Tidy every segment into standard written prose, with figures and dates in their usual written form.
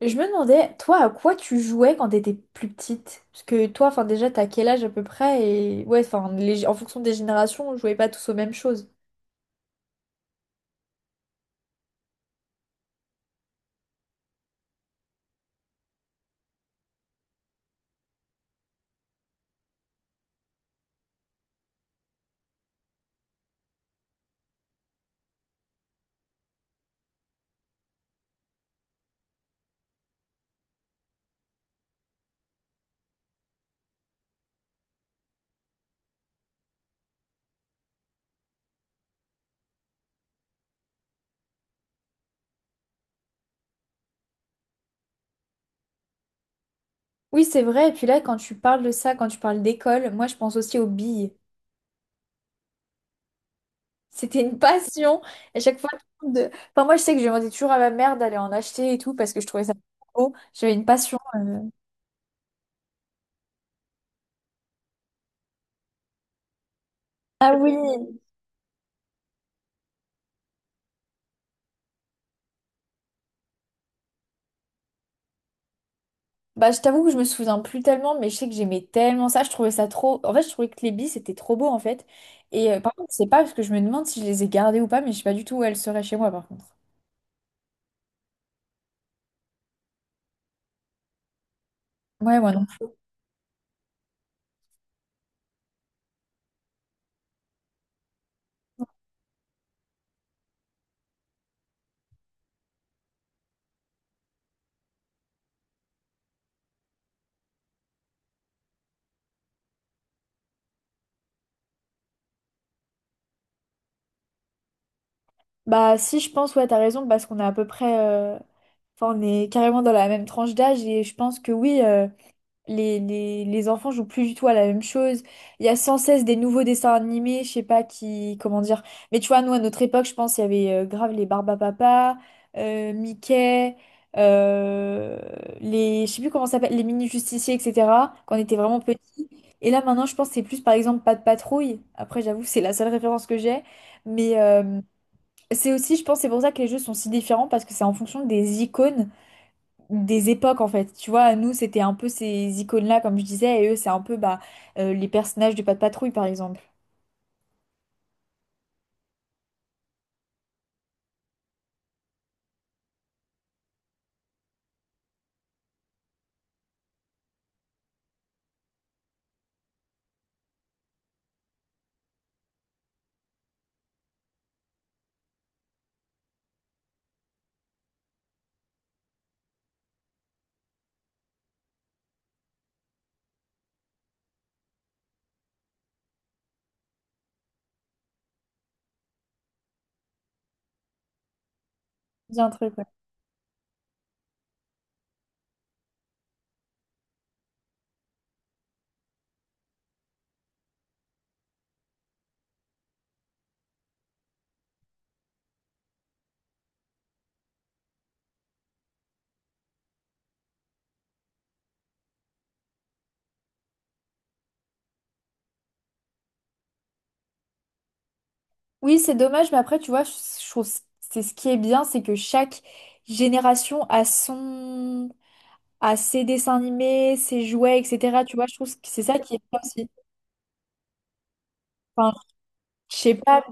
Je me demandais, toi, à quoi tu jouais quand t'étais plus petite? Parce que toi, enfin déjà, t'as quel âge à peu près? Et ouais, enfin, en fonction des générations, on jouait pas tous aux mêmes choses. Oui, c'est vrai. Et puis là, quand tu parles de ça, quand tu parles d'école, moi, je pense aussi aux billes. C'était une passion. À chaque fois, enfin, moi, je sais que je demandais toujours à ma mère d'aller en acheter et tout parce que je trouvais ça trop beau. J'avais une passion. Ah oui. Bah, je t'avoue que je me souviens plus tellement, mais je sais que j'aimais tellement ça. Je trouvais ça trop. En fait, je trouvais que les billes, c'était trop beau, en fait. Et par contre, je sais pas, parce que je me demande si je les ai gardées ou pas, mais je sais pas du tout où elles seraient chez moi, par contre. Ouais, moi non. Plus. Bah, si, je pense, ouais, t'as raison, parce qu'on est à peu près. Enfin, on est carrément dans la même tranche d'âge, et je pense que oui. Les enfants jouent plus du tout à la même chose. Il y a sans cesse des nouveaux dessins animés, je sais pas qui, comment dire. Mais tu vois, nous, à notre époque, je pense, il y avait grave les Barbapapa, Mickey, euh, les, je sais plus comment ça s'appelle, les mini-justiciers, etc., quand on était vraiment petits. Et là, maintenant, je pense que c'est plus, par exemple, pas de patrouille. Après, j'avoue, c'est la seule référence que j'ai. Mais c'est aussi, je pense, c'est pour ça que les jeux sont si différents, parce que c'est en fonction des icônes des époques en fait. Tu vois, nous c'était un peu ces icônes-là comme je disais et eux c'est un peu les personnages de Pat' Patrouille par exemple. Dis un truc, ouais. Oui, c'est dommage, mais après tu vois, je trouve c'est ce qui est bien, c'est que chaque génération a son a ses dessins animés, ses jouets, etc. Tu vois, je trouve que c'est ça qui est bien aussi. Enfin, je sais pas.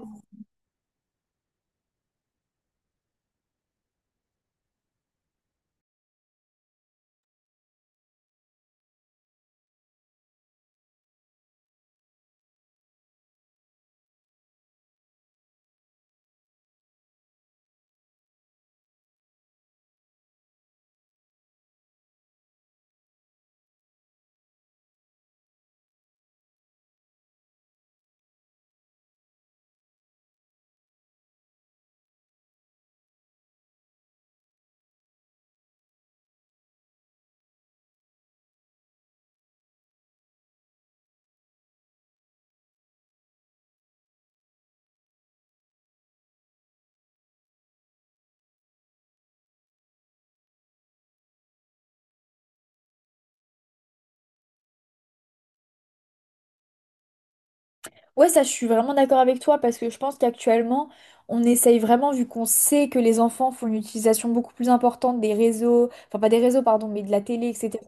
Ouais, ça, je suis vraiment d'accord avec toi parce que je pense qu'actuellement, on essaye vraiment, vu qu'on sait que les enfants font une utilisation beaucoup plus importante des réseaux, enfin pas des réseaux, pardon, mais de la télé, etc.,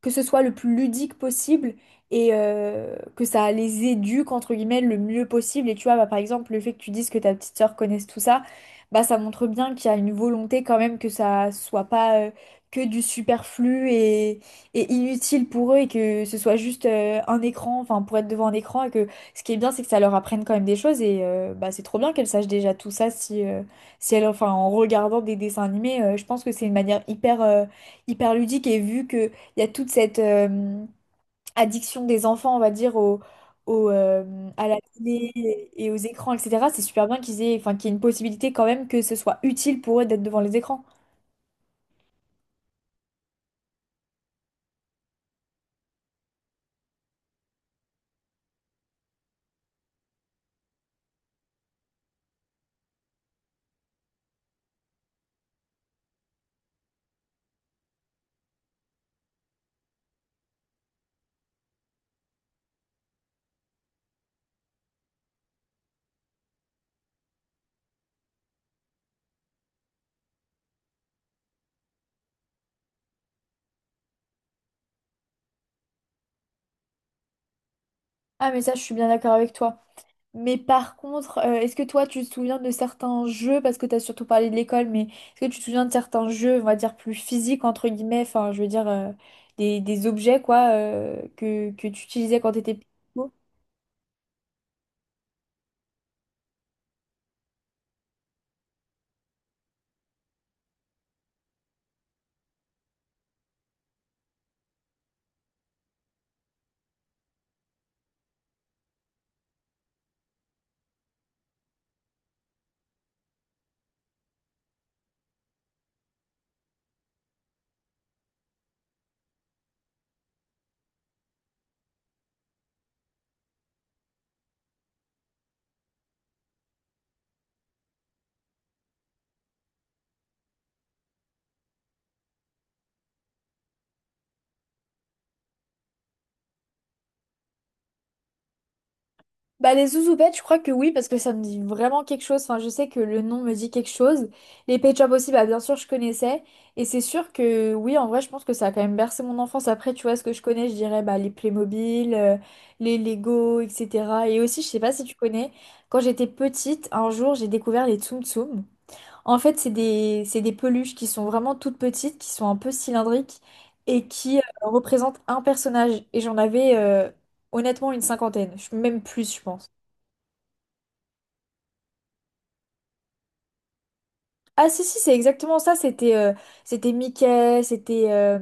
que ce soit le plus ludique possible et que ça les éduque, entre guillemets, le mieux possible. Et tu vois, bah, par exemple, le fait que tu dises que ta petite sœur connaisse tout ça, bah ça montre bien qu'il y a une volonté quand même que ça soit pas que du superflu et inutile pour eux et que ce soit juste un écran, enfin pour être devant un écran et que ce qui est bien, c'est que ça leur apprenne quand même des choses et bah, c'est trop bien qu'elles sachent déjà tout ça si, si elles, enfin, en regardant des dessins animés, je pense que c'est une manière hyper, hyper ludique et vu qu'il y a toute cette addiction des enfants, on va dire, à la télé et aux écrans, etc., c'est super bien qu'ils aient, enfin, qu'il y ait une possibilité quand même que ce soit utile pour eux d'être devant les écrans. Ah mais ça, je suis bien d'accord avec toi. Mais par contre, est-ce que toi, tu te souviens de certains jeux, parce que tu as surtout parlé de l'école, mais est-ce que tu te souviens de certains jeux, on va dire, plus physiques, entre guillemets, enfin, je veux dire, des objets, quoi, que tu utilisais quand tu étais petit? Bah, les zouzoupettes, je crois que oui, parce que ça me dit vraiment quelque chose. Enfin, je sais que le nom me dit quelque chose. Les Pet Shop aussi, bah, bien sûr, je connaissais. Et c'est sûr que oui, en vrai, je pense que ça a quand même bercé mon enfance. Après, tu vois, ce que je connais, je dirais bah, les Playmobil, les Lego, etc. Et aussi, je sais pas si tu connais, quand j'étais petite, un jour, j'ai découvert les Tsum Tsum. En fait, c'est des peluches qui sont vraiment toutes petites, qui sont un peu cylindriques et qui représentent un personnage. Et j'en avais honnêtement une cinquantaine. Même plus, je pense. Ah si si c'est exactement ça c'était Mickey,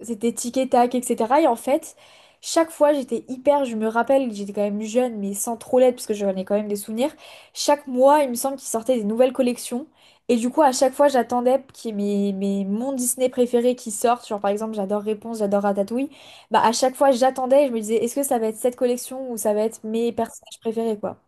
c'était Tic et Tac, etc. Et en fait, chaque fois j'étais hyper, je me rappelle, j'étais quand même jeune mais sans trop l'être parce que j'en ai quand même des souvenirs. Chaque mois il me semble qu'ils sortaient des nouvelles collections et du coup à chaque fois j'attendais qu'il y ait mes mon Disney préféré qui sorte, genre par exemple j'adore Réponse, j'adore Ratatouille. Bah à chaque fois j'attendais et je me disais est-ce que ça va être cette collection ou ça va être mes personnages préférés, quoi.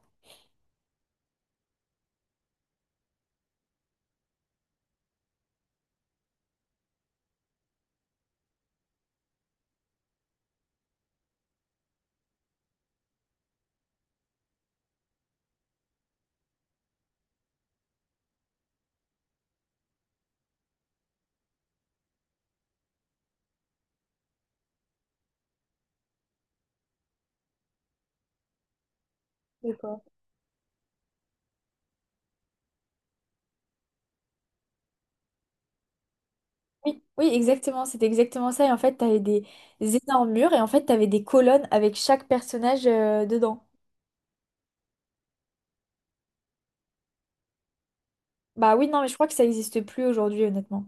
Oui, oui, exactement, c'était exactement ça. Et en fait, t'avais des énormes murs et en fait, t'avais des colonnes avec chaque personnage dedans. Bah oui, non, mais je crois que ça n'existe plus aujourd'hui, honnêtement.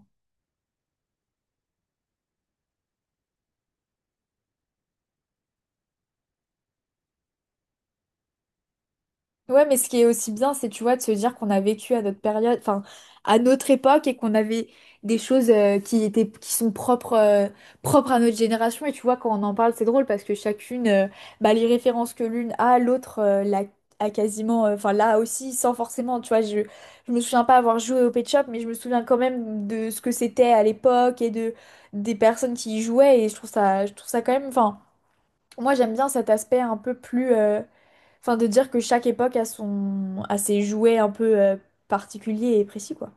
Ouais, mais ce qui est aussi bien, c'est, tu vois, de se dire qu'on a vécu à notre période, enfin, à notre époque et qu'on avait des choses qui étaient, qui sont propres, propres à notre génération. Et tu vois, quand on en parle, c'est drôle parce que chacune, bah, les références que l'une a, l'autre a quasiment, enfin, là aussi, sans forcément, tu vois, je me souviens pas avoir joué au Pet Shop, mais je me souviens quand même de ce que c'était à l'époque et de, des personnes qui y jouaient. Et je trouve ça quand même, enfin, moi, j'aime bien cet aspect un peu plus. Enfin, de dire que chaque époque a son... a ses jouets un peu particuliers et précis, quoi.